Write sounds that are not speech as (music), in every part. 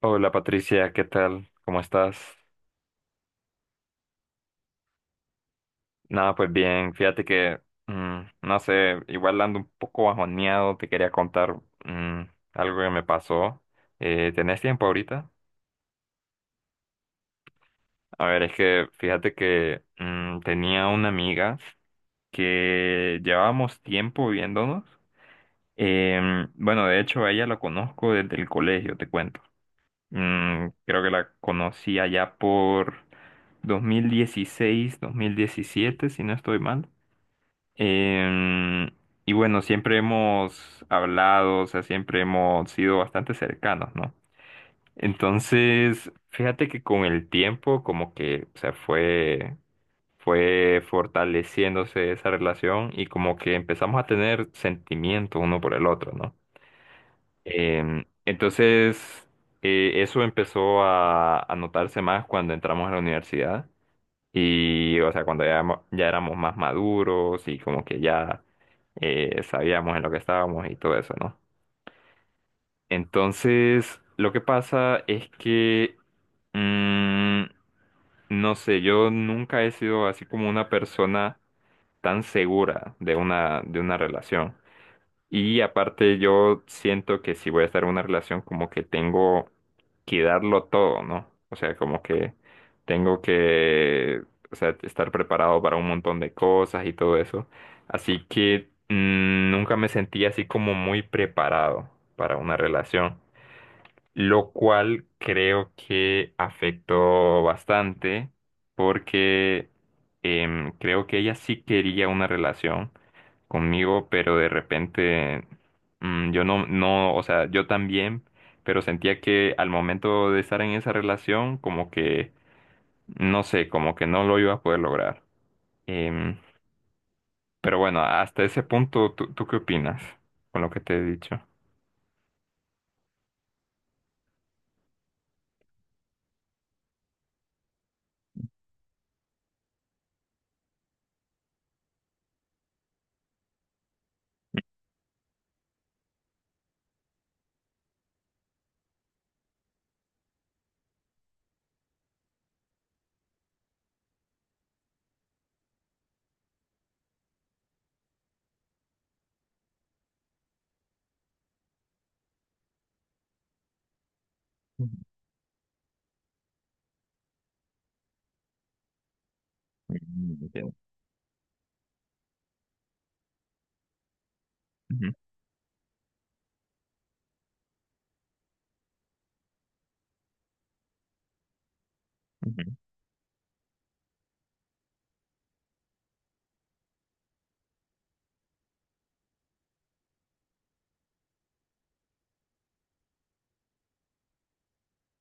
Hola Patricia, ¿qué tal? ¿Cómo estás? Nada, pues bien, fíjate que, no sé, igual ando un poco bajoneado, te quería contar mm, algo que me pasó. ¿Tenés tiempo ahorita? A ver, es que fíjate que tenía una amiga que llevábamos tiempo viéndonos. Bueno, de hecho a ella la conozco desde el colegio, te cuento. Creo que la conocí allá por 2016, 2017, si no estoy mal. Em, y bueno, siempre hemos hablado, o sea, siempre hemos sido bastante cercanos, ¿no? Entonces, fíjate que con el tiempo, como que, o sea, fue fortaleciéndose esa relación y como que empezamos a tener sentimientos uno por el otro, ¿no? Entonces, eso empezó a notarse más cuando entramos a la universidad. Y, o sea, cuando ya, ya éramos más maduros y como que ya sabíamos en lo que estábamos y todo eso, ¿no? Entonces, lo que pasa es que, mm, no sé, yo nunca he sido así como una persona tan segura de una relación. Y aparte yo siento que si voy a estar en una relación como que tengo que darlo todo, ¿no? O sea, como que tengo que, o sea, estar preparado para un montón de cosas y todo eso. Así que nunca me sentí así como muy preparado para una relación, lo cual creo que afectó bastante porque creo que ella sí quería una relación conmigo, pero de repente yo no, no, o sea, yo también, pero sentía que al momento de estar en esa relación, como que, no sé, como que no lo iba a poder lograr. Em, pero bueno, hasta ese punto, ¿tú qué opinas con lo que te he dicho? Ujú. Mm, entiendo. Ujú, ujú.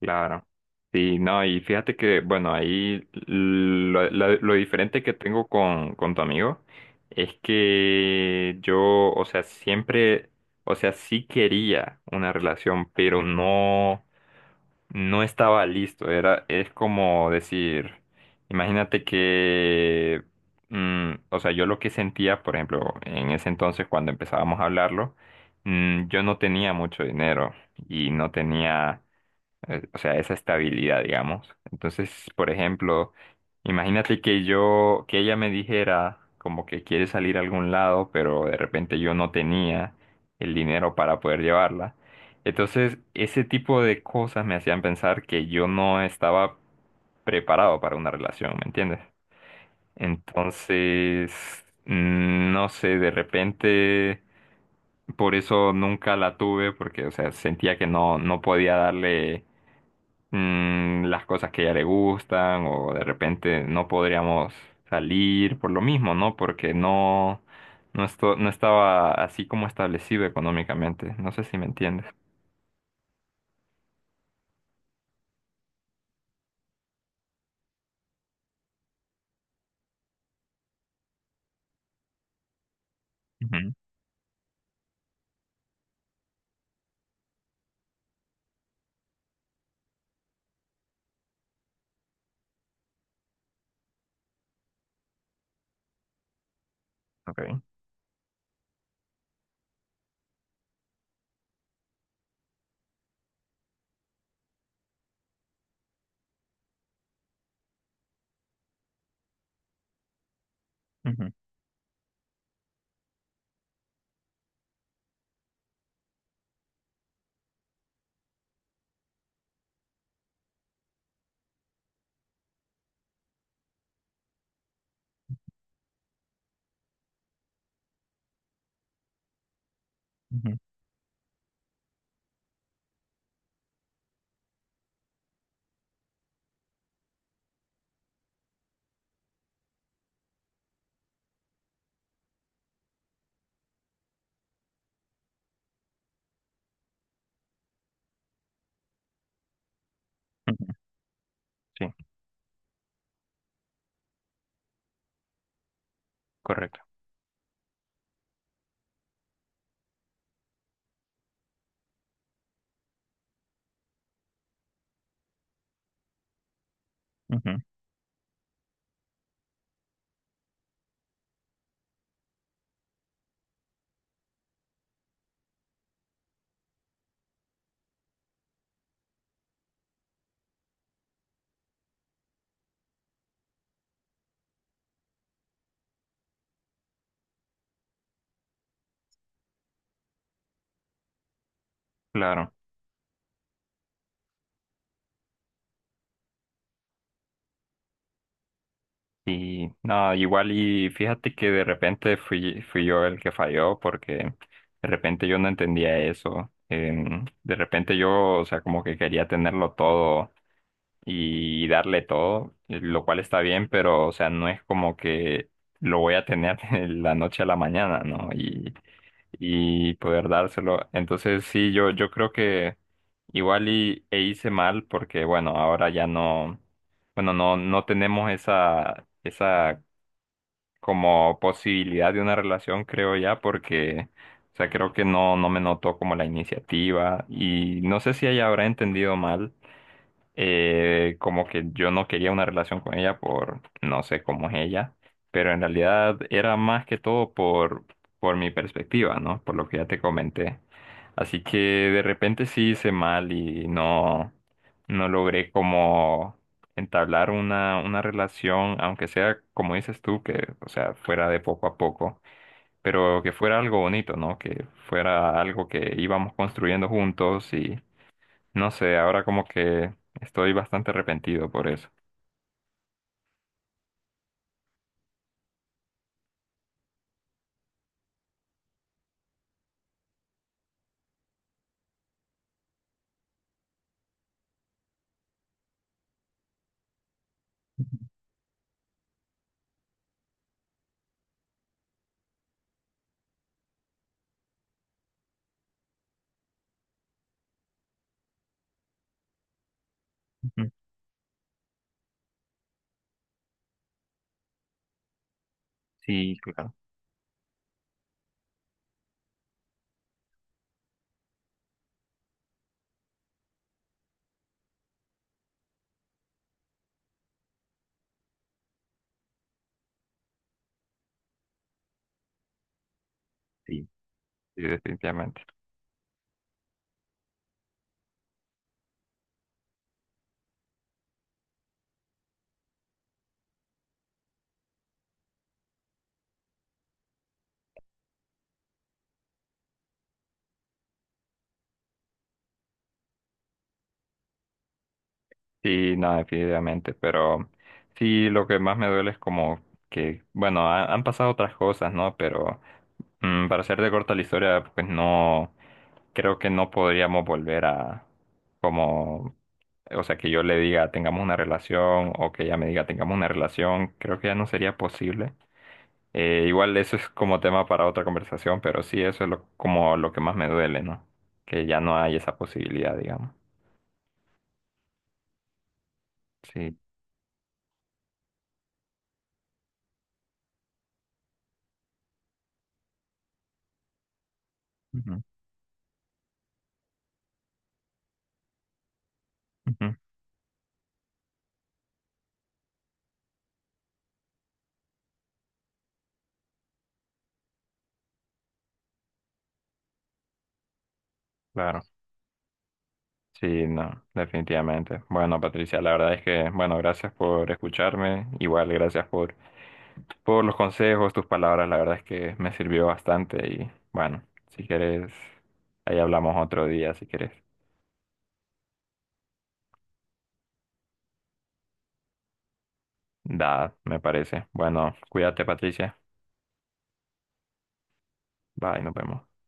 Claro. Sí, no, y fíjate que, bueno, ahí lo diferente que tengo con tu amigo es que yo, o sea, siempre, o sea, sí quería una relación, pero no, no estaba listo. Era, es como decir, imagínate que, o sea, yo lo que sentía, por ejemplo, en ese entonces cuando empezábamos a hablarlo, yo no tenía mucho dinero y no tenía o sea, esa estabilidad, digamos. Entonces, por ejemplo, imagínate que yo, que ella me dijera como que quiere salir a algún lado, pero de repente yo no tenía el dinero para poder llevarla. Entonces, ese tipo de cosas me hacían pensar que yo no estaba preparado para una relación, ¿me entiendes? Entonces, no sé, de repente, por eso nunca la tuve, porque, o sea, sentía que no, no podía darle las cosas que a ella le gustan o de repente no podríamos salir por lo mismo, ¿no? Porque no, no, no estaba así como establecido económicamente. No sé si me entiendes. Ujú, ok. Ujú, ujú, ujú. Sí, correcto. Ujú, claro. Y nada, igual y fíjate que de repente fui yo el que falló porque de repente yo no entendía eso. De repente yo, o sea, como que quería tenerlo todo y darle todo, lo cual está bien, pero o sea, no es como que lo voy a tener (laughs) de la noche a la mañana, ¿no? Y poder dárselo. Entonces sí, yo creo que igual y, e hice mal porque bueno, ahora ya no, bueno, no, no tenemos esa como posibilidad de una relación, creo ya, porque o sea, creo que no, no me notó como la iniciativa y no sé si ella habrá entendido mal como que yo no quería una relación con ella por no sé cómo es ella, pero en realidad era más que todo por mi perspectiva, ¿no? Por lo que ya te comenté. Así que de repente sí hice mal y no, no logré como entablar una relación, aunque sea como dices tú, que, o sea, fuera de poco a poco, pero que fuera algo bonito, ¿no? Que fuera algo que íbamos construyendo juntos, no sé, ahora como que estoy bastante arrepentido por eso. Ujú. Sí, claro, sí, sí, definitivamente. Sí, no, definitivamente, pero sí, lo que más me duele es como que, bueno, han pasado otras cosas, ¿no? Pero para ser de corta la historia, pues no, creo que no podríamos volver a como, o sea, que yo le diga tengamos una relación o que ella me diga tengamos una relación, creo que ya no sería posible. Igual eso es como tema para otra conversación, pero sí, eso es lo, como lo que más me duele, ¿no? Que ya no hay esa posibilidad, digamos. Sí. Ujú. Ujú. Claro, sí, no, definitivamente. Bueno, Patricia, la verdad es que, bueno, gracias por escucharme, igual gracias por los consejos, tus palabras, la verdad es que me sirvió bastante y bueno, si quieres, ahí hablamos otro día, si quieres. Da, me parece. Bueno, cuídate, Patricia. Bye, nos vemos.